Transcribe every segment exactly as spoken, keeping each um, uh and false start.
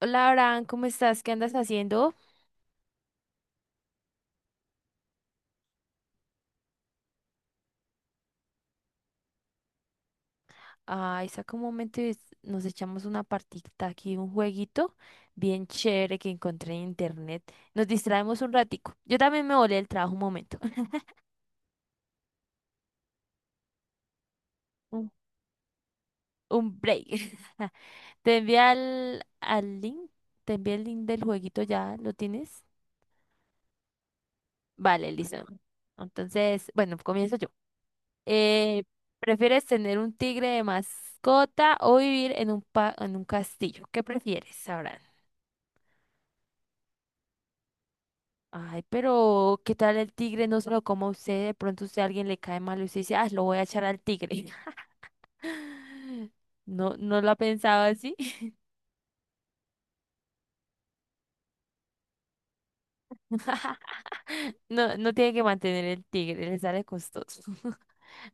Hola, Abraham, ¿cómo estás? ¿Qué andas haciendo? Ay, saca un momento y es- nos echamos una partita aquí, un jueguito bien chévere que encontré en internet. Nos distraemos un ratico. Yo también me volé del trabajo un momento. Un, un break. Te envié al, al link, te envié el link del jueguito, ¿ya lo tienes? Vale, listo. Entonces, bueno, comienzo yo. Eh, ¿prefieres tener un tigre de mascota o vivir en un, pa- en un castillo? ¿Qué prefieres, Abraham? Ay, pero ¿qué tal el tigre? No se lo coma usted, de pronto usted a alguien le cae mal y usted dice, ah, lo voy a echar al tigre. No, no lo ha pensado así. No, no tiene que mantener el tigre, le sale costoso.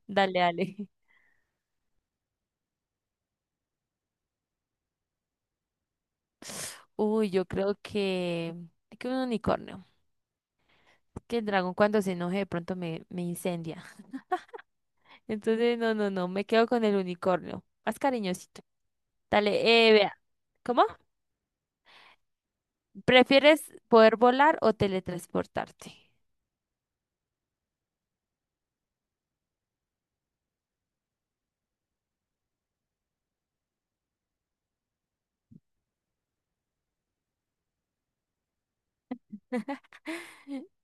Dale, dale. Uy, yo creo que, que un unicornio. Que el dragón cuando se enoje de pronto me, me incendia. Entonces, no, no, no, me quedo con el unicornio. Más cariñosito. Dale, eh, vea. ¿Cómo? ¿Prefieres poder volar o teletransportarte?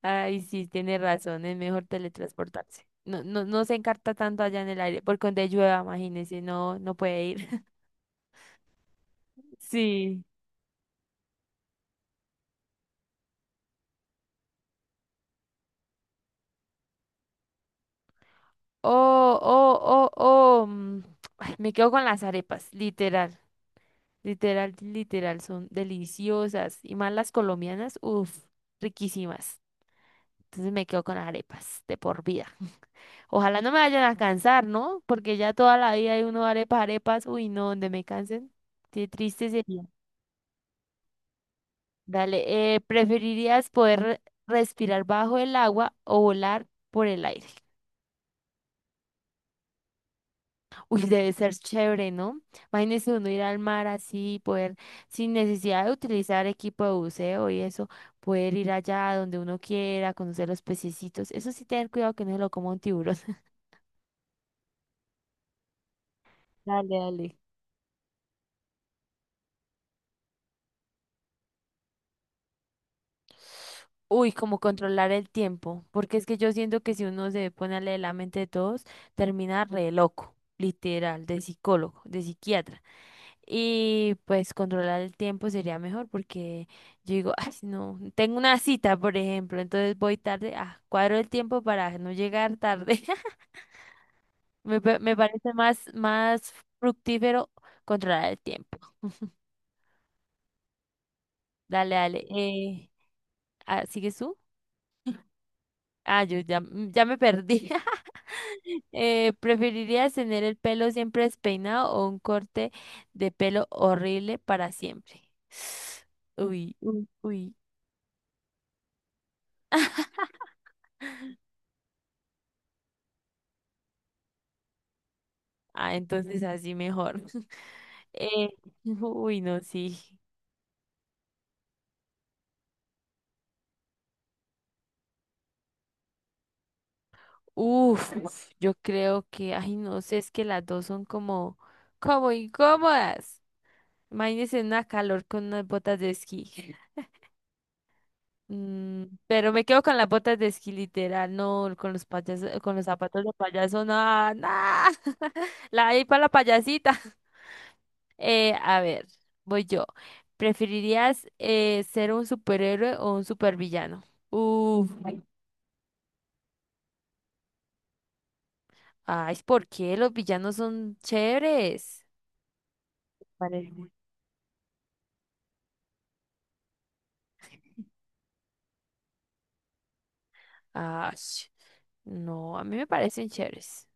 Ay, sí, tiene razón, es mejor teletransportarse. No, no, no se encarta tanto allá en el aire, porque donde llueva, imagínese, no, no puede ir. Sí. Oh, oh, oh, oh. mm, ay, me quedo con las arepas, literal, literal, literal, son deliciosas. Y más las colombianas, uff, riquísimas. Entonces me quedo con las arepas, de por vida. Ojalá no me vayan a cansar, ¿no? Porque ya toda la vida hay uno arepas, arepas, uy, no, donde me cansen, qué triste sería. Dale, eh, ¿preferirías poder re- respirar bajo el agua o volar por el aire? Uy, debe ser chévere, ¿no? Imagínese uno ir al mar así, poder, sin necesidad de utilizar equipo de buceo y eso, poder ir allá donde uno quiera, conocer los pececitos. Eso sí, tener cuidado que no se lo coma un tiburón. Dale, dale. Uy, como controlar el tiempo, porque es que yo siento que si uno se pone a leer la mente de todos, termina re loco, literal, de psicólogo, de psiquiatra. Y pues controlar el tiempo sería mejor porque yo digo, ay, no, tengo una cita, por ejemplo, entonces voy tarde, ah, cuadro el tiempo para no llegar tarde. Me, pa- me parece más, más fructífero controlar el tiempo. Dale, dale. Eh, ah, ¿sigues tú? Ah, yo ya, mm, ya me perdí. Eh, ¿preferirías tener el pelo siempre despeinado o un corte de pelo horrible para siempre? Uy, uy, uy. Ah, entonces así mejor. Eh, uy, no, sí. Uf, yo creo que, ay, no sé, es que las dos son como, como incómodas. Imagínense una calor con unas botas de esquí. Mm, pero me quedo con las botas de esquí, literal, no, con los payasos, con los zapatos de payaso, no, no. La ahí para la payasita. Eh, a ver, voy yo. ¿Preferirías eh, ser un superhéroe o un supervillano? Uf. Ay, ¿por qué? Los villanos son chéveres. Parece. Ay, no, a mí me parecen chéveres.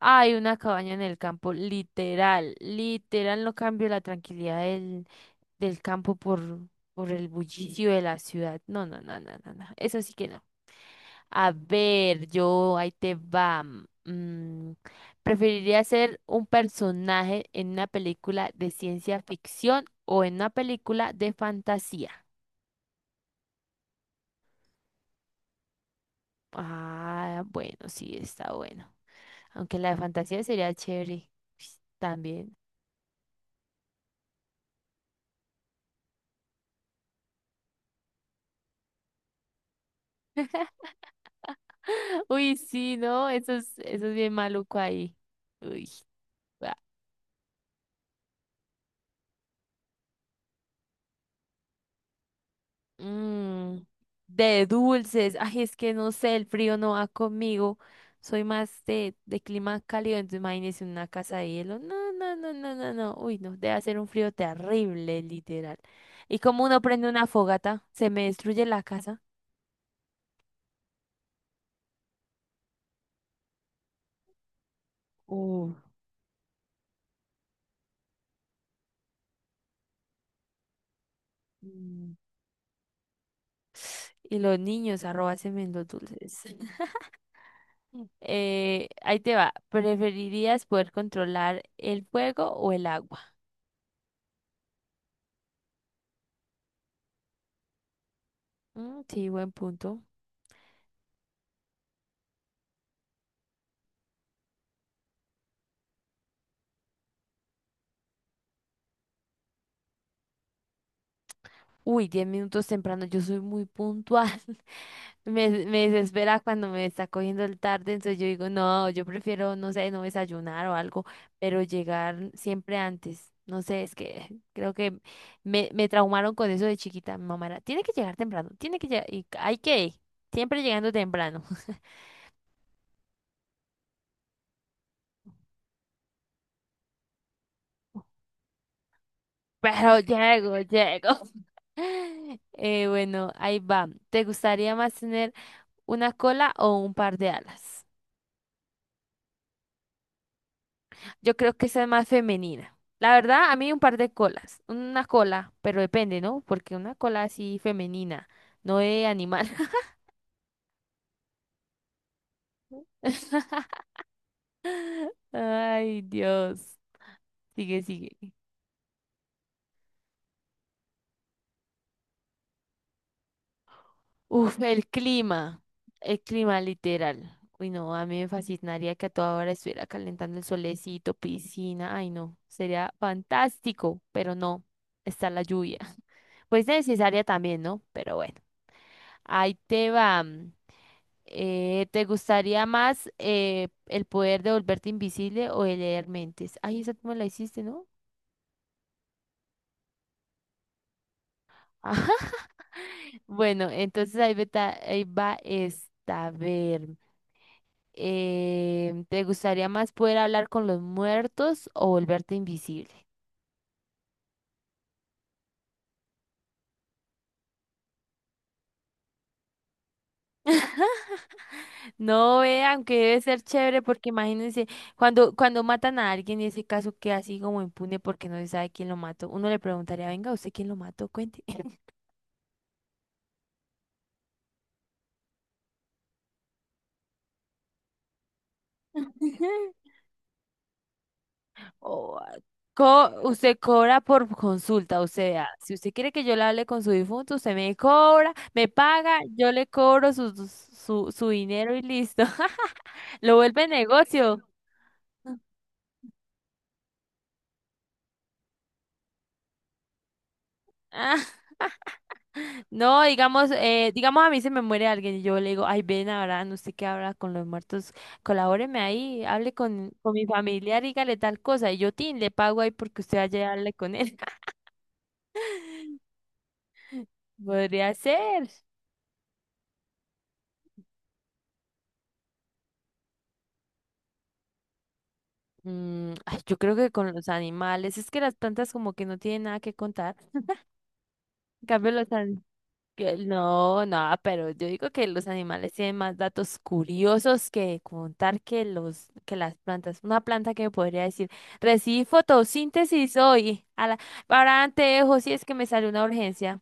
Hay una cabaña en el campo, literal, literal, no cambio la tranquilidad del, del campo por, por el bullicio de la ciudad. No, no, no, no, no, no, eso sí que no. A ver, yo, ahí te va. Mm, ¿preferiría ser un personaje en una película de ciencia ficción o en una película de fantasía? Ah, bueno, sí, está bueno. Aunque la de fantasía sería chévere pues, también. Uy, sí, ¿no? Eso es, eso es bien maluco ahí. Uy. Va. Mm, de dulces. Ay, es que no sé, el frío no va conmigo. Soy más de, de clima cálido, entonces imagínese una casa de hielo. No, no, no, no, no, no. Uy, no, debe hacer un frío terrible, literal. ¿Y como uno prende una fogata? ¿Se me destruye la casa? Uh, Y los niños, arroba semen los dulces. Eh, ahí te va. ¿Preferirías poder controlar el fuego o el agua? Mm, sí, buen punto. Uy, diez minutos temprano, yo soy muy puntual. Me, me desespera cuando me está cogiendo el tarde, entonces yo digo, no, yo prefiero, no sé, no desayunar o algo, pero llegar siempre antes. No sé, es que creo que me, me traumaron con eso de chiquita. Mi mamá era, tiene que llegar temprano, tiene que llegar, y hay que ir, siempre llegando temprano. Pero llego, llego. Eh, bueno, ahí va. ¿Te gustaría más tener una cola o un par de alas? Yo creo que esa es más femenina. La verdad, a mí un par de colas. Una cola, pero depende, ¿no? Porque una cola así femenina, no de animal. Ay, Dios. Sigue, sigue. Uf, el clima, el clima literal. Uy, no, a mí me fascinaría que a toda hora estuviera calentando el solecito, piscina. Ay, no, sería fantástico, pero no, está la lluvia. Pues necesaria también, ¿no? Pero bueno, ahí te va. Mm, eh, ¿te gustaría más eh, el poder de volverte invisible o el leer mentes? Ay, esa tú me la hiciste, ¿no? Ajá. Bueno, entonces ahí va, ahí va esta. A ver. Eh, ¿te gustaría más poder hablar con los muertos o volverte invisible? No, vean aunque debe ser chévere porque imagínense, cuando, cuando matan a alguien y ese caso queda así como impune porque no se sabe quién lo mató, uno le preguntaría, venga, ¿usted quién lo mató? Cuente. O, ah, co- usted cobra por consulta, o sea, si usted quiere que yo le hable con su difunto, usted me cobra, me paga, yo le cobro su, su, su dinero y listo. Lo vuelve negocio. No, digamos, eh, digamos a mí se me muere alguien y yo le digo, ay, ven ahora, no sé qué habla con los muertos, colabóreme ahí, hable con, con mi familiar, dígale tal cosa, y yo, tin, le pago ahí porque usted vaya y hable con él. Podría ser. Mm, ay, yo creo que con los animales, es que las plantas como que no tienen nada que contar. En cambio, los animales. Que no, no, pero yo digo que los animales tienen más datos curiosos que contar que los que las plantas. Una planta que me podría decir, recibí fotosíntesis hoy, a la, para anteojos si es que me sale una urgencia.